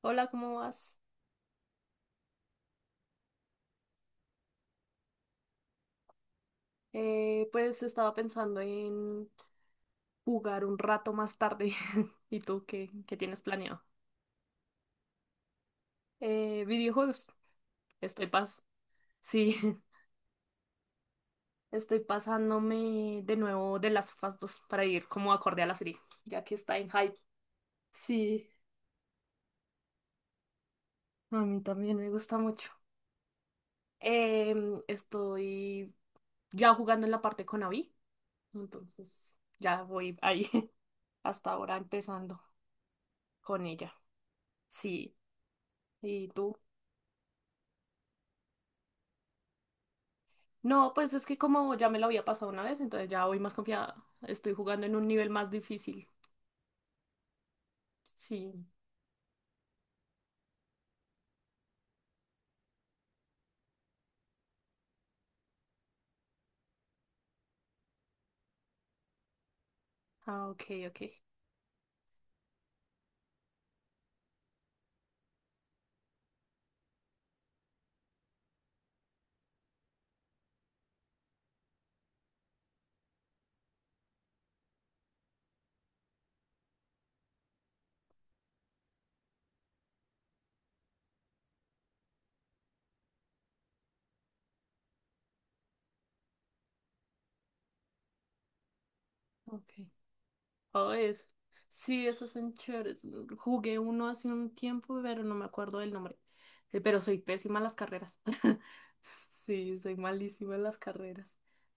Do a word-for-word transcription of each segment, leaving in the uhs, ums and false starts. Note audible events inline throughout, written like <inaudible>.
Hola, ¿cómo vas? Eh, pues estaba pensando en jugar un rato más tarde. <laughs> ¿Y tú qué, qué tienes planeado? Eh, videojuegos. Estoy pas. Sí, <laughs> estoy pasándome de nuevo de las of Us dos para ir como acorde a la serie, ya que está en hype. Sí, a mí también me gusta mucho. Em, estoy ya jugando en la parte con Abby, entonces ya voy ahí <laughs> hasta ahora empezando con ella. Sí, ¿y tú? No, pues es que como ya me lo había pasado una vez, entonces ya voy más confiada. Estoy jugando en un nivel más difícil. Sí. Ah, ok, ok. Ok. Oh, eso. Sí, esos son chéveres. Jugué uno hace un tiempo, pero no me acuerdo del nombre. Eh, Pero soy pésima en las carreras. <laughs> Sí, soy malísima en las carreras.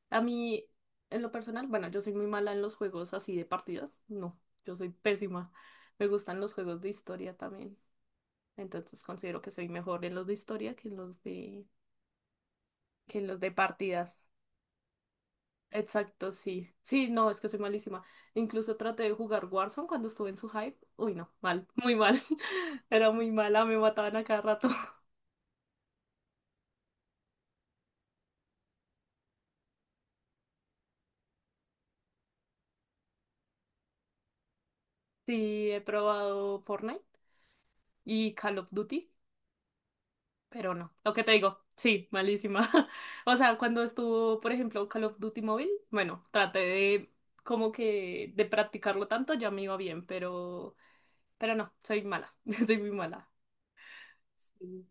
A mí, en lo personal, bueno, yo soy muy mala en los juegos así de partidas. No, yo soy pésima. Me gustan los juegos de historia también. Entonces considero que soy mejor en los de historia que en los de, que en los de partidas. Exacto, sí. Sí, no, es que soy malísima. Incluso traté de jugar Warzone cuando estuve en su hype. Uy, no, mal, muy mal. <laughs> Era muy mala, me mataban a cada rato. <laughs> Sí, he probado Fortnite y Call of Duty, pero no. Lo que te digo, sí, malísima. <laughs> O sea, cuando estuvo, por ejemplo, Call of Duty móvil, bueno, traté de como que de practicarlo tanto, ya me iba bien, pero Pero no, soy mala. <laughs> Soy muy mala. Sí.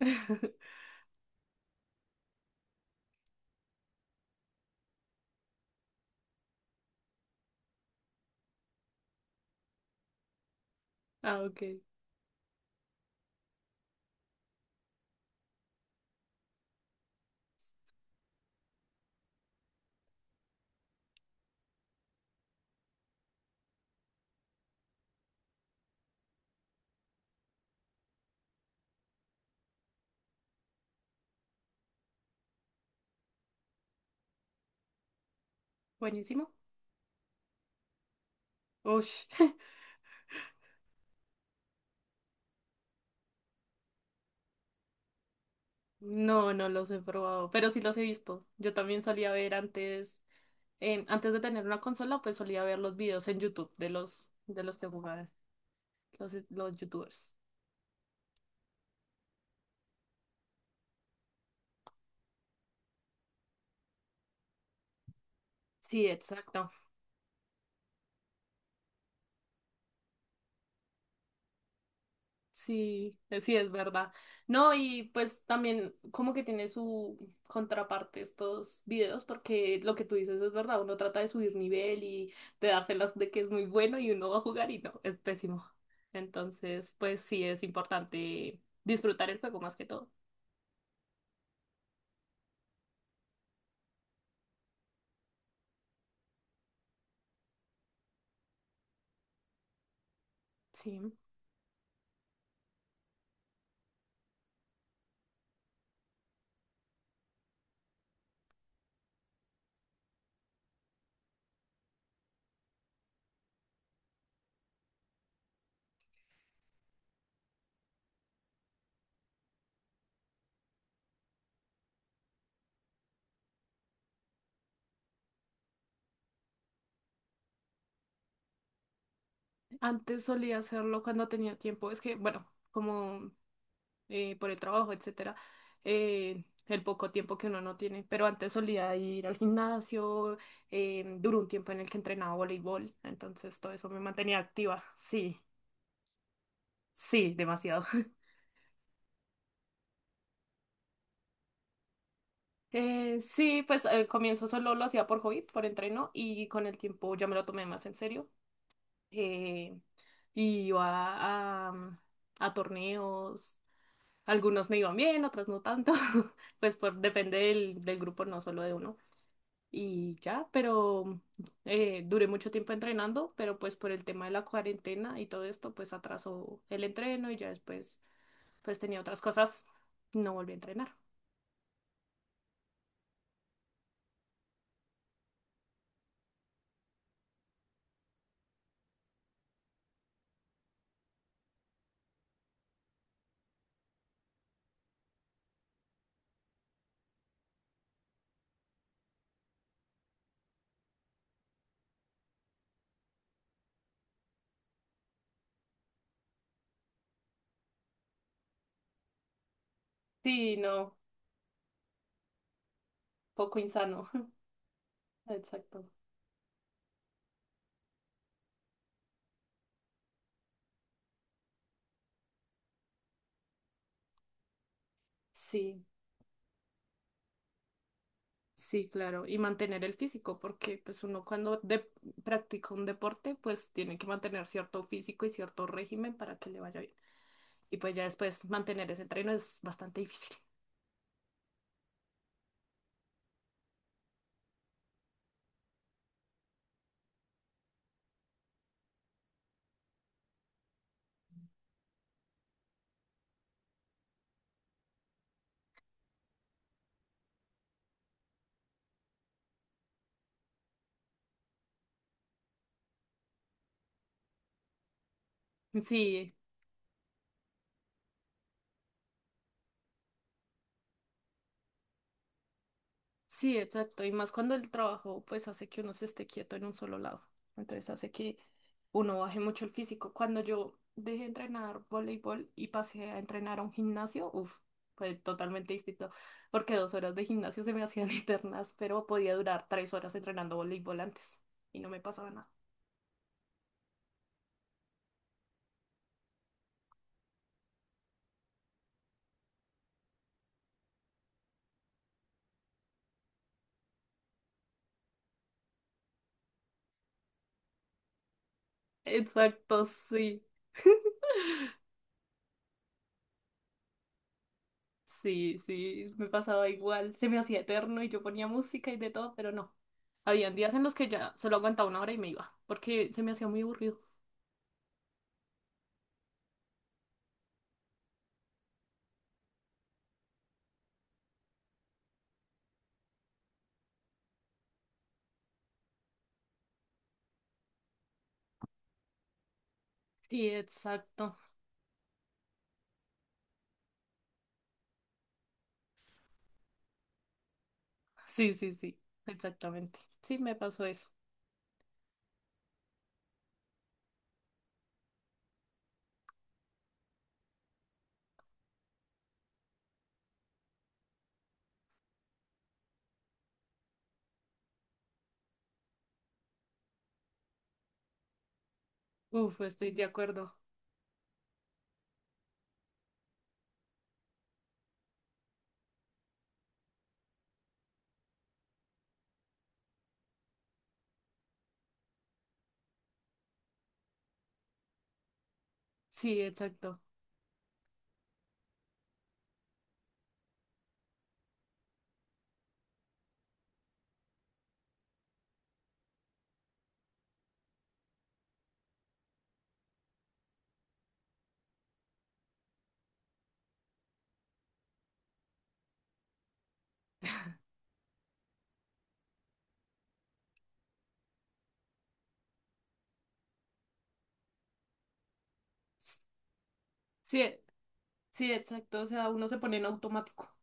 <laughs> Ah, ok. Buenísimo. Ush. <laughs> No, no los he probado, pero sí los he visto. Yo también solía ver antes, em, antes de tener una consola, pues solía ver los videos en YouTube de los, de los que jugaban, los, los YouTubers. Sí, exacto. Sí, eh, sí, es verdad. No, y pues también como que tiene su contraparte estos videos, porque lo que tú dices es verdad, uno trata de subir nivel y de dárselas de que es muy bueno y uno va a jugar y no, es pésimo. Entonces, pues sí, es importante disfrutar el juego más que todo. Sí, antes solía hacerlo cuando tenía tiempo, es que, bueno, como... eh, por el trabajo, etcétera, eh, el poco tiempo que uno no tiene. Pero antes solía ir al gimnasio, eh, duró un tiempo en el que entrenaba voleibol, entonces todo eso me mantenía activa. Sí, sí, demasiado. <laughs> Eh, sí, pues al comienzo solo lo hacía por hobby, por entreno, y con el tiempo ya me lo tomé más en serio. Eh, y iba a, a torneos, algunos me iban bien, otros no tanto, <laughs> pues por, depende del, del grupo, no solo de uno. Y ya, pero eh, duré mucho tiempo entrenando, pero pues por el tema de la cuarentena y todo esto, pues atrasó el entreno y ya después pues tenía otras cosas, no volví a entrenar. Sí, no, poco insano. <laughs> Exacto. Sí, sí, claro. Y mantener el físico, porque pues uno cuando de- practica un deporte, pues tiene que mantener cierto físico y cierto régimen para que le vaya bien. Y pues ya después mantener ese entreno es bastante difícil. <laughs> Sí. Sí, exacto. Y más cuando el trabajo pues hace que uno se esté quieto en un solo lado. Entonces hace que uno baje mucho el físico. Cuando yo dejé de entrenar voleibol y pasé a entrenar a un gimnasio, uff, fue totalmente distinto. Porque dos horas de gimnasio se me hacían <laughs> eternas, pero podía durar tres horas entrenando voleibol antes y no me pasaba nada. Exacto, sí. <laughs> Sí, sí, me pasaba igual. Se me hacía eterno y yo ponía música y de todo, pero no. Habían días en los que ya solo aguantaba una hora y me iba, porque se me hacía muy aburrido. Sí, exacto. Sí, sí, sí, exactamente. Sí, me pasó eso. Uf, estoy de acuerdo. Sí, exacto. Sí, sí, exacto. O sea, uno se pone en automático.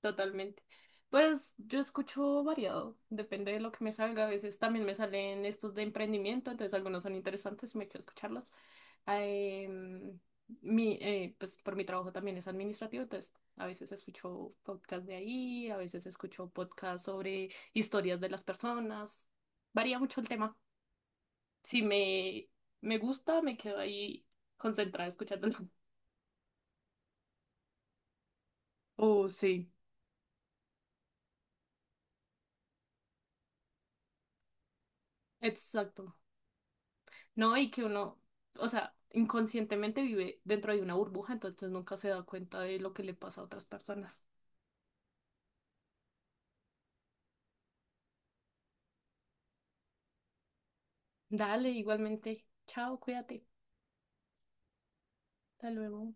Totalmente. Pues yo escucho variado, depende de lo que me salga. A veces también me salen estos de emprendimiento, entonces algunos son interesantes y me quiero escucharlos. Ah, em, mi, eh, pues por mi trabajo también es administrativo, entonces a veces escucho podcast de ahí, a veces escucho podcast sobre historias de las personas. Varía mucho el tema. Si me, Me gusta, me quedo ahí concentrada escuchándolo. <laughs> Oh, sí. Exacto. No, y que uno, o sea, inconscientemente vive dentro de una burbuja, entonces nunca se da cuenta de lo que le pasa a otras personas. Dale, igualmente. Chao, cuídate. Hasta luego.